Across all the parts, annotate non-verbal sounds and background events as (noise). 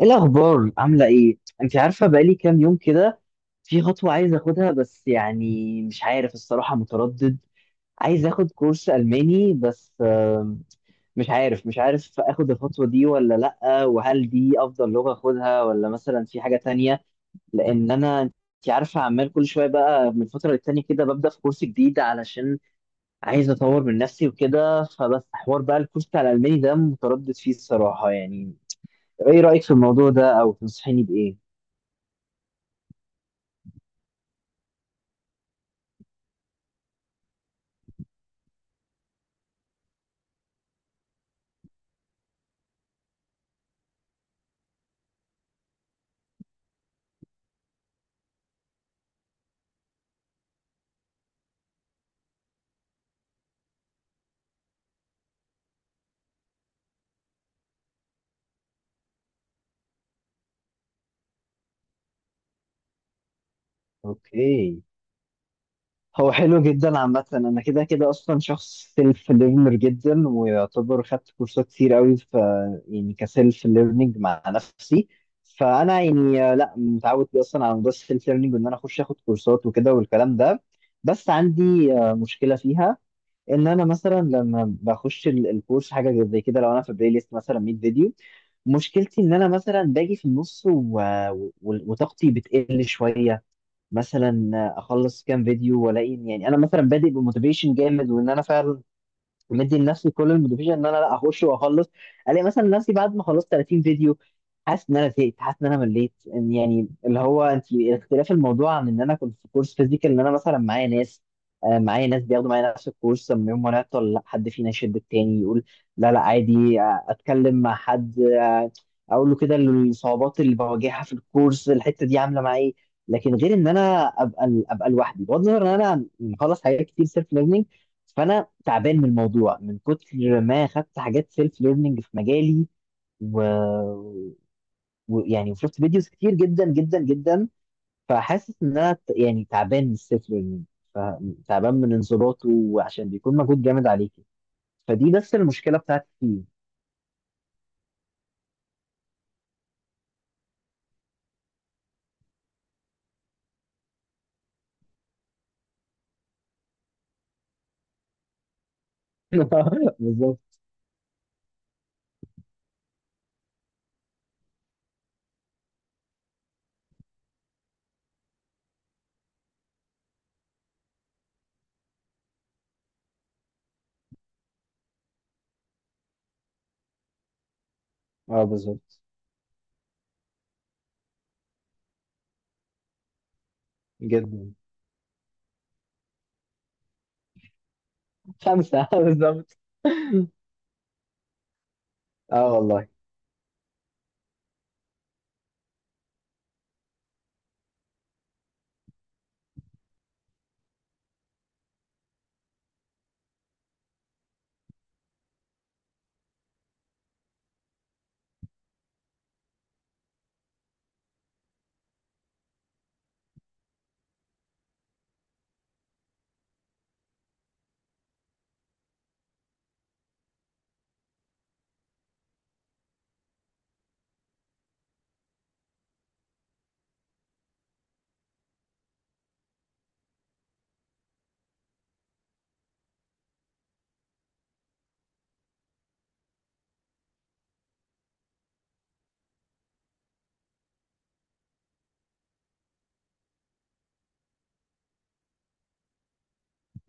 ايه الاخبار؟ عامله ايه؟ انت عارفه بقالي كام يوم كده، في خطوه عايز اخدها، بس يعني مش عارف، الصراحه متردد. عايز اخد كورس الماني، بس مش عارف اخد الخطوه دي ولا لا، وهل دي افضل لغه اخدها ولا مثلا في حاجه تانية؟ لان انا، انت عارفه، عمال كل شويه بقى من فتره للتانيه كده ببدا في كورس جديد، علشان عايز اطور من نفسي وكده. فبس حوار بقى الكورس بتاع الالماني ده متردد فيه الصراحه يعني. ايه رايك في الموضوع ده، او تنصحيني بايه؟ اوكي. هو حلو جدا عامة، انا كده كده اصلا شخص سيلف ليرنر جدا، ويعتبر خدت كورسات كتير قوي في، يعني كسيلف ليرنينج مع نفسي. فانا يعني لا متعود اصلا على موضوع السيلف ليرنينج، وان انا اخش اخد كورسات وكده والكلام ده. بس عندي مشكلة فيها، ان انا مثلا لما بخش الكورس، حاجة زي كده، لو انا في بلاي ليست مثلا 100 فيديو، مشكلتي ان انا مثلا باجي في النص وطاقتي بتقل شوية. مثلا اخلص كام فيديو والاقي يعني انا مثلا بادئ بموتيفيشن جامد، وان انا فعلا مدي لنفسي كل الموتيفيشن ان انا لا اخش واخلص، الاقي مثلا نفسي بعد ما خلصت 30 فيديو حاسس ان انا زهقت، حاسس ان انا مليت، يعني اللي هو انت، اختلاف الموضوع عن ان انا كنت في كورس فيزيكال، ان انا مثلا معايا ناس، معايا ناس بياخدوا معايا نفس الكورس، لما يوم ما نعطل لا حد فينا يشد التاني، يقول لا لا عادي، اتكلم مع حد، اقول له كده الصعوبات اللي بواجهها في الكورس الحته دي عامله معايا إيه. لكن غير ان انا ابقى لوحدي، بغض النظر ان انا مخلص حاجات كتير سيلف. فانا تعبان من الموضوع من كتر ما خدت حاجات سيلف ليرنينج في مجالي، و... ويعني وشفت فيديوز كتير جدا جدا جدا. فحاسس ان انا يعني تعبان من السيلف ليرنينج، تعبان من انضباطه، وعشان بيكون مجهود جامد عليكي. فدي بس المشكله بتاعتي فيه. (laughs) بالظبط. اه بالظبط جدا. خمسه (laughs) بالظبط. اه والله.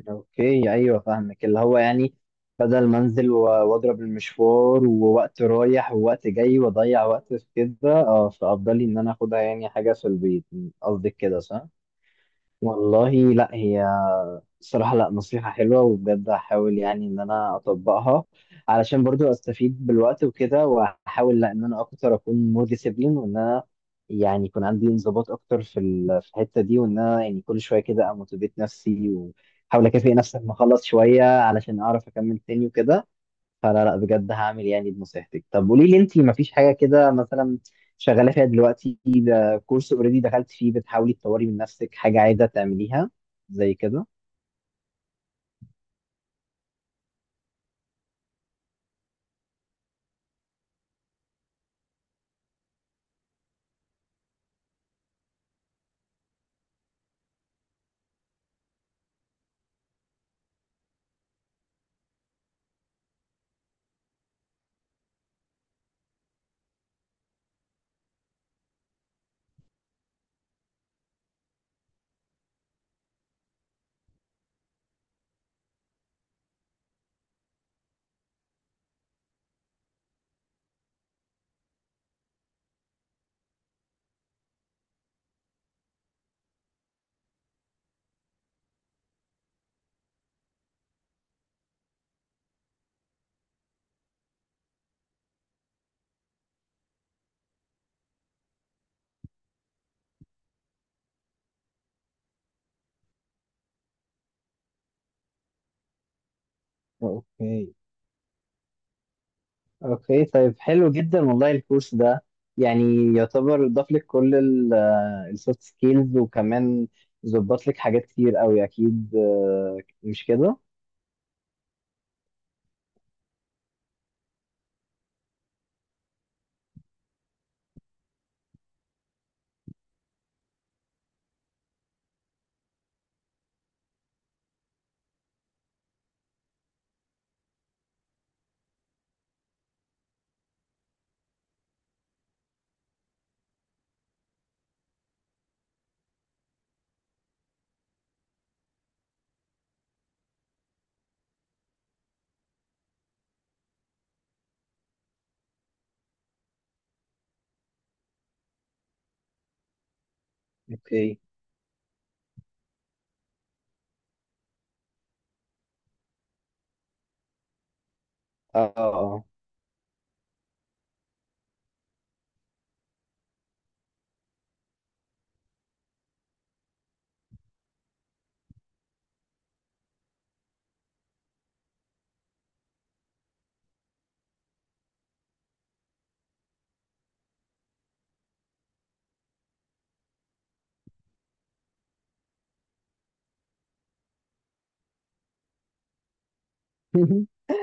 اوكي، ايوه فاهمك، اللي هو يعني بدل ما انزل واضرب المشوار ووقت رايح ووقت جاي واضيع وقت في كده، اه فافضل لي ان انا اخدها يعني حاجه في البيت. قصدك كده، صح؟ والله لا، هي الصراحة لا نصيحة حلوة، وبجد هحاول يعني إن أنا أطبقها، علشان برضو أستفيد بالوقت وكده، وأحاول لا إن أنا أكتر أكون مور ديسيبلين، وإن أنا يعني يكون عندي انضباط أكتر في في الحتة دي، وإن أنا يعني كل شوية كده أموتيفيت نفسي، وأحاول أكافئ نفسي لما أخلص شوية علشان أعرف أكمل تاني وكده. فلا لا بجد هعمل يعني بنصيحتك. طب قولي لي أنتي، مفيش حاجة كده مثلا شغالة فيها دلوقتي، ده كورس أوريدي دخلت فيه، بتحاولي تطوري من نفسك حاجة عايزة تعمليها زي كده؟ اوكي. اوكي طيب، حلو جدا والله الكورس ده، يعني يعتبر ضاف لك كل السوفت سكيلز، وكمان ظبط لك حاجات كتير قوي اكيد، مش كده؟ اوكي. اه اه. (laughs) آه.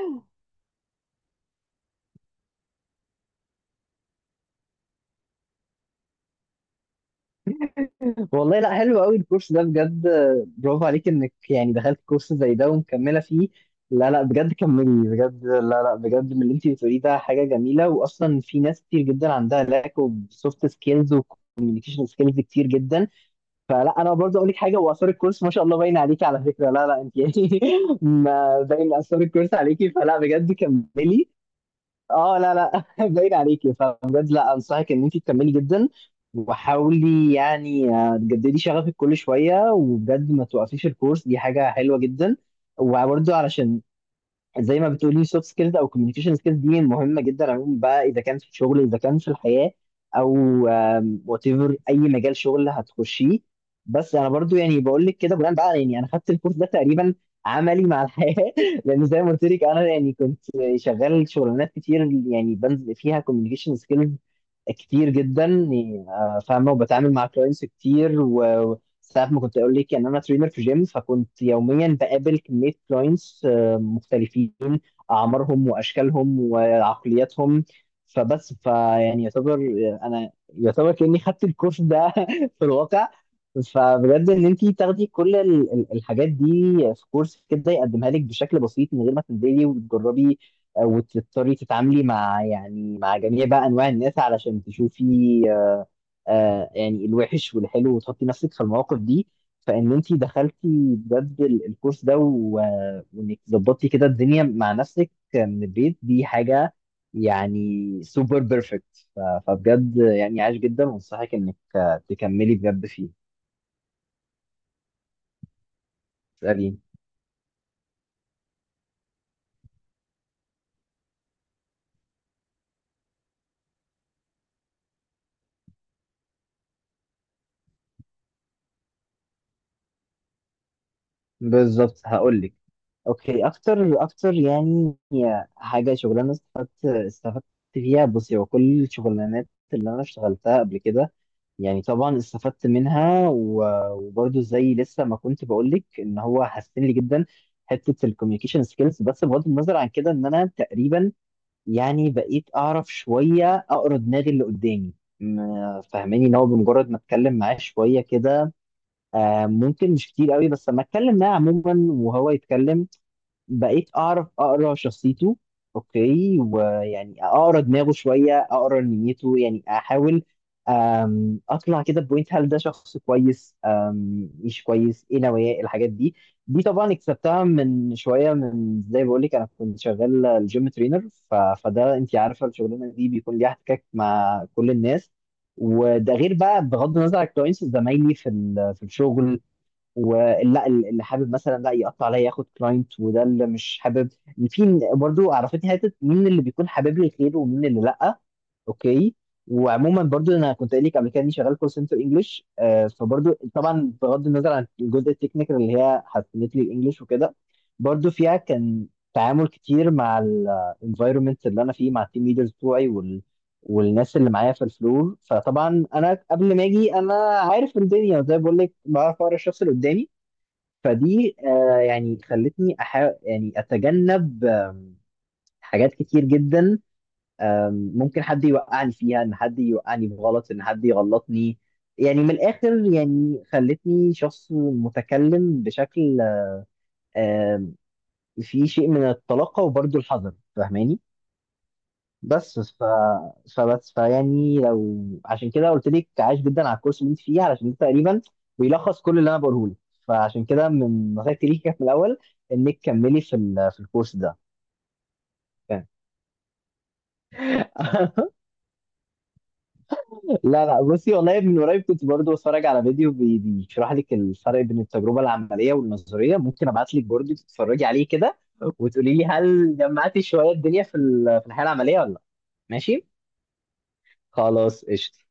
والله لا، حلو قوي الكورس ده بجد، برافو عليك انك يعني دخلت كورس زي ده ومكمله فيه. لا لا بجد كملي بجد. لا لا بجد، من اللي انت بتقوليه ده حاجه جميله، واصلا في ناس كتير جدا عندها لاك اوف سوفت سكيلز وكوميونيكيشن سكيلز كتير جدا. فلا انا برضه اقول لك حاجه، واثار الكورس ما شاء الله باين عليكي على فكره، لا لا انت يعني (laughs) ما باين اثار الكورس عليكي، فلا بجد كملي. اه، لا لا (laughs) باين عليكي، فبجد لا انصحك ان انت تكملي جدا. وحاولي يعني تجددي شغفك كل شويه، وبجد ما توقفيش الكورس، دي حاجه حلوه جدا. وبرضه علشان، زي ما بتقولي سوفت سكيلز او كوميونيكيشن سكيلز دي مهمه جدا عموما بقى، اذا كان في الشغل اذا كان في الحياه، او وات ايفر اي مجال شغل هتخشيه. بس انا برضو يعني بقول لك كده بناء بقى، يعني انا خدت الكورس ده تقريبا عملي مع الحياه (laughs) لان زي ما قلت لك انا يعني كنت شغال شغلانات كتير، يعني بنزل فيها كوميونيكيشن سكيلز كتير جدا يعني، فاهمه، وبتعامل مع كلاينتس كتير، و ساعات ما كنت اقول لك ان انا ترينر في جيم، فكنت يوميا بقابل كميه كلاينتس مختلفين، اعمارهم واشكالهم وعقلياتهم. فبس فيعني يعتبر انا، يعتبر كاني خدت الكورس ده (laughs) في الواقع. فبجد ان انت تاخدي كل الحاجات دي في كورس كده يقدمها لك بشكل بسيط من غير ما تنزلي وتجربي، وتضطري تتعاملي مع يعني مع جميع بقى انواع الناس، علشان تشوفي يعني الوحش والحلو، وتحطي نفسك في المواقف دي. فان انت دخلتي بجد الكورس ده وانك ظبطتي كده الدنيا مع نفسك من البيت، دي حاجه يعني سوبر بيرفكت. فبجد يعني عاش جدا، وانصحك انك تكملي بجد فيه. اساليني. بالظبط هقول لك. اوكي، اكتر اكتر يعني حاجه شغلانه استفدت فيها، بصي هو كل الشغلانات اللي انا اشتغلتها قبل كده، يعني طبعا استفدت منها وبرضه زي لسه ما كنت بقول لك، ان هو حسن لي جدا حته الكوميونيكيشن سكيلز. بس بغض النظر عن كده، ان انا تقريبا يعني بقيت اعرف شويه اقرا دماغ اللي قدامي، فاهماني، ان هو بمجرد ما اتكلم معاه شويه كده ممكن مش كتير قوي، بس لما اتكلم معاه عموما وهو يتكلم بقيت اعرف اقرا شخصيته. اوكي، ويعني اقرا دماغه شويه، اقرا نيته، يعني احاول اطلع كده بوينت، هل ده شخص كويس مش كويس، ايه نوايا الحاجات دي. دي طبعا اكتسبتها من شويه، من زي بقول لك انا كنت شغال الجيم ترينر، فده انت عارفه الشغلانه دي بيكون ليها احتكاك مع كل الناس. وده غير بقى بغض النظر عن الكلاينتس، زمايلي في في الشغل، ولا اللي حابب مثلا لا يقطع عليا ياخد كلاينت، وده اللي مش حابب، في برضو عرفتني حته مين اللي بيكون حابب لي الخير ومين اللي لا. اوكي. وعموما برضو انا كنت قايل لك قبل كده اني شغال كول سنتر انجلش، فبرضو طبعا بغض النظر عن الجزء التكنيكال اللي هي حسنت لي الانجليش وكده، برضو فيها كان تعامل كتير مع الانفايرمنت اللي انا فيه، مع التيم ليدرز بتوعي والناس اللي معايا في الفلور، فطبعا انا قبل ما اجي انا عارف الدنيا، زي ما بقول لك بعرف اقرا الشخص اللي قدامي. فدي يعني خلتني يعني اتجنب حاجات كتير جدا، ممكن حد يوقعني فيها، ان حد يوقعني بغلط، ان حد يغلطني، يعني من الاخر يعني خلتني شخص متكلم بشكل آم، فيه شيء من الطلاقة وبرضه الحذر، فاهماني؟ بس فبس فيعني لو، عشان كده قلت لك عايش جدا على الكورس اللي انت فيه، علشان انت تقريبا بيلخص كل اللي انا بقوله لك. فعشان كده من نصيحتي ليك (laughs) كانت من الاول، انك كملي في في الكورس ده. (laughs) فاهم؟ لا لا بصي، والله من قريب كنت برضو بتفرج على فيديو بيشرح لك الفرق بين التجربه العمليه والنظريه، ممكن ابعت لك برضو تتفرجي عليه كده، وتقولي لي هل جمعتي شويه الدنيا في في الحياه العمليه ولا لا. ماشي. خلاص قشطه.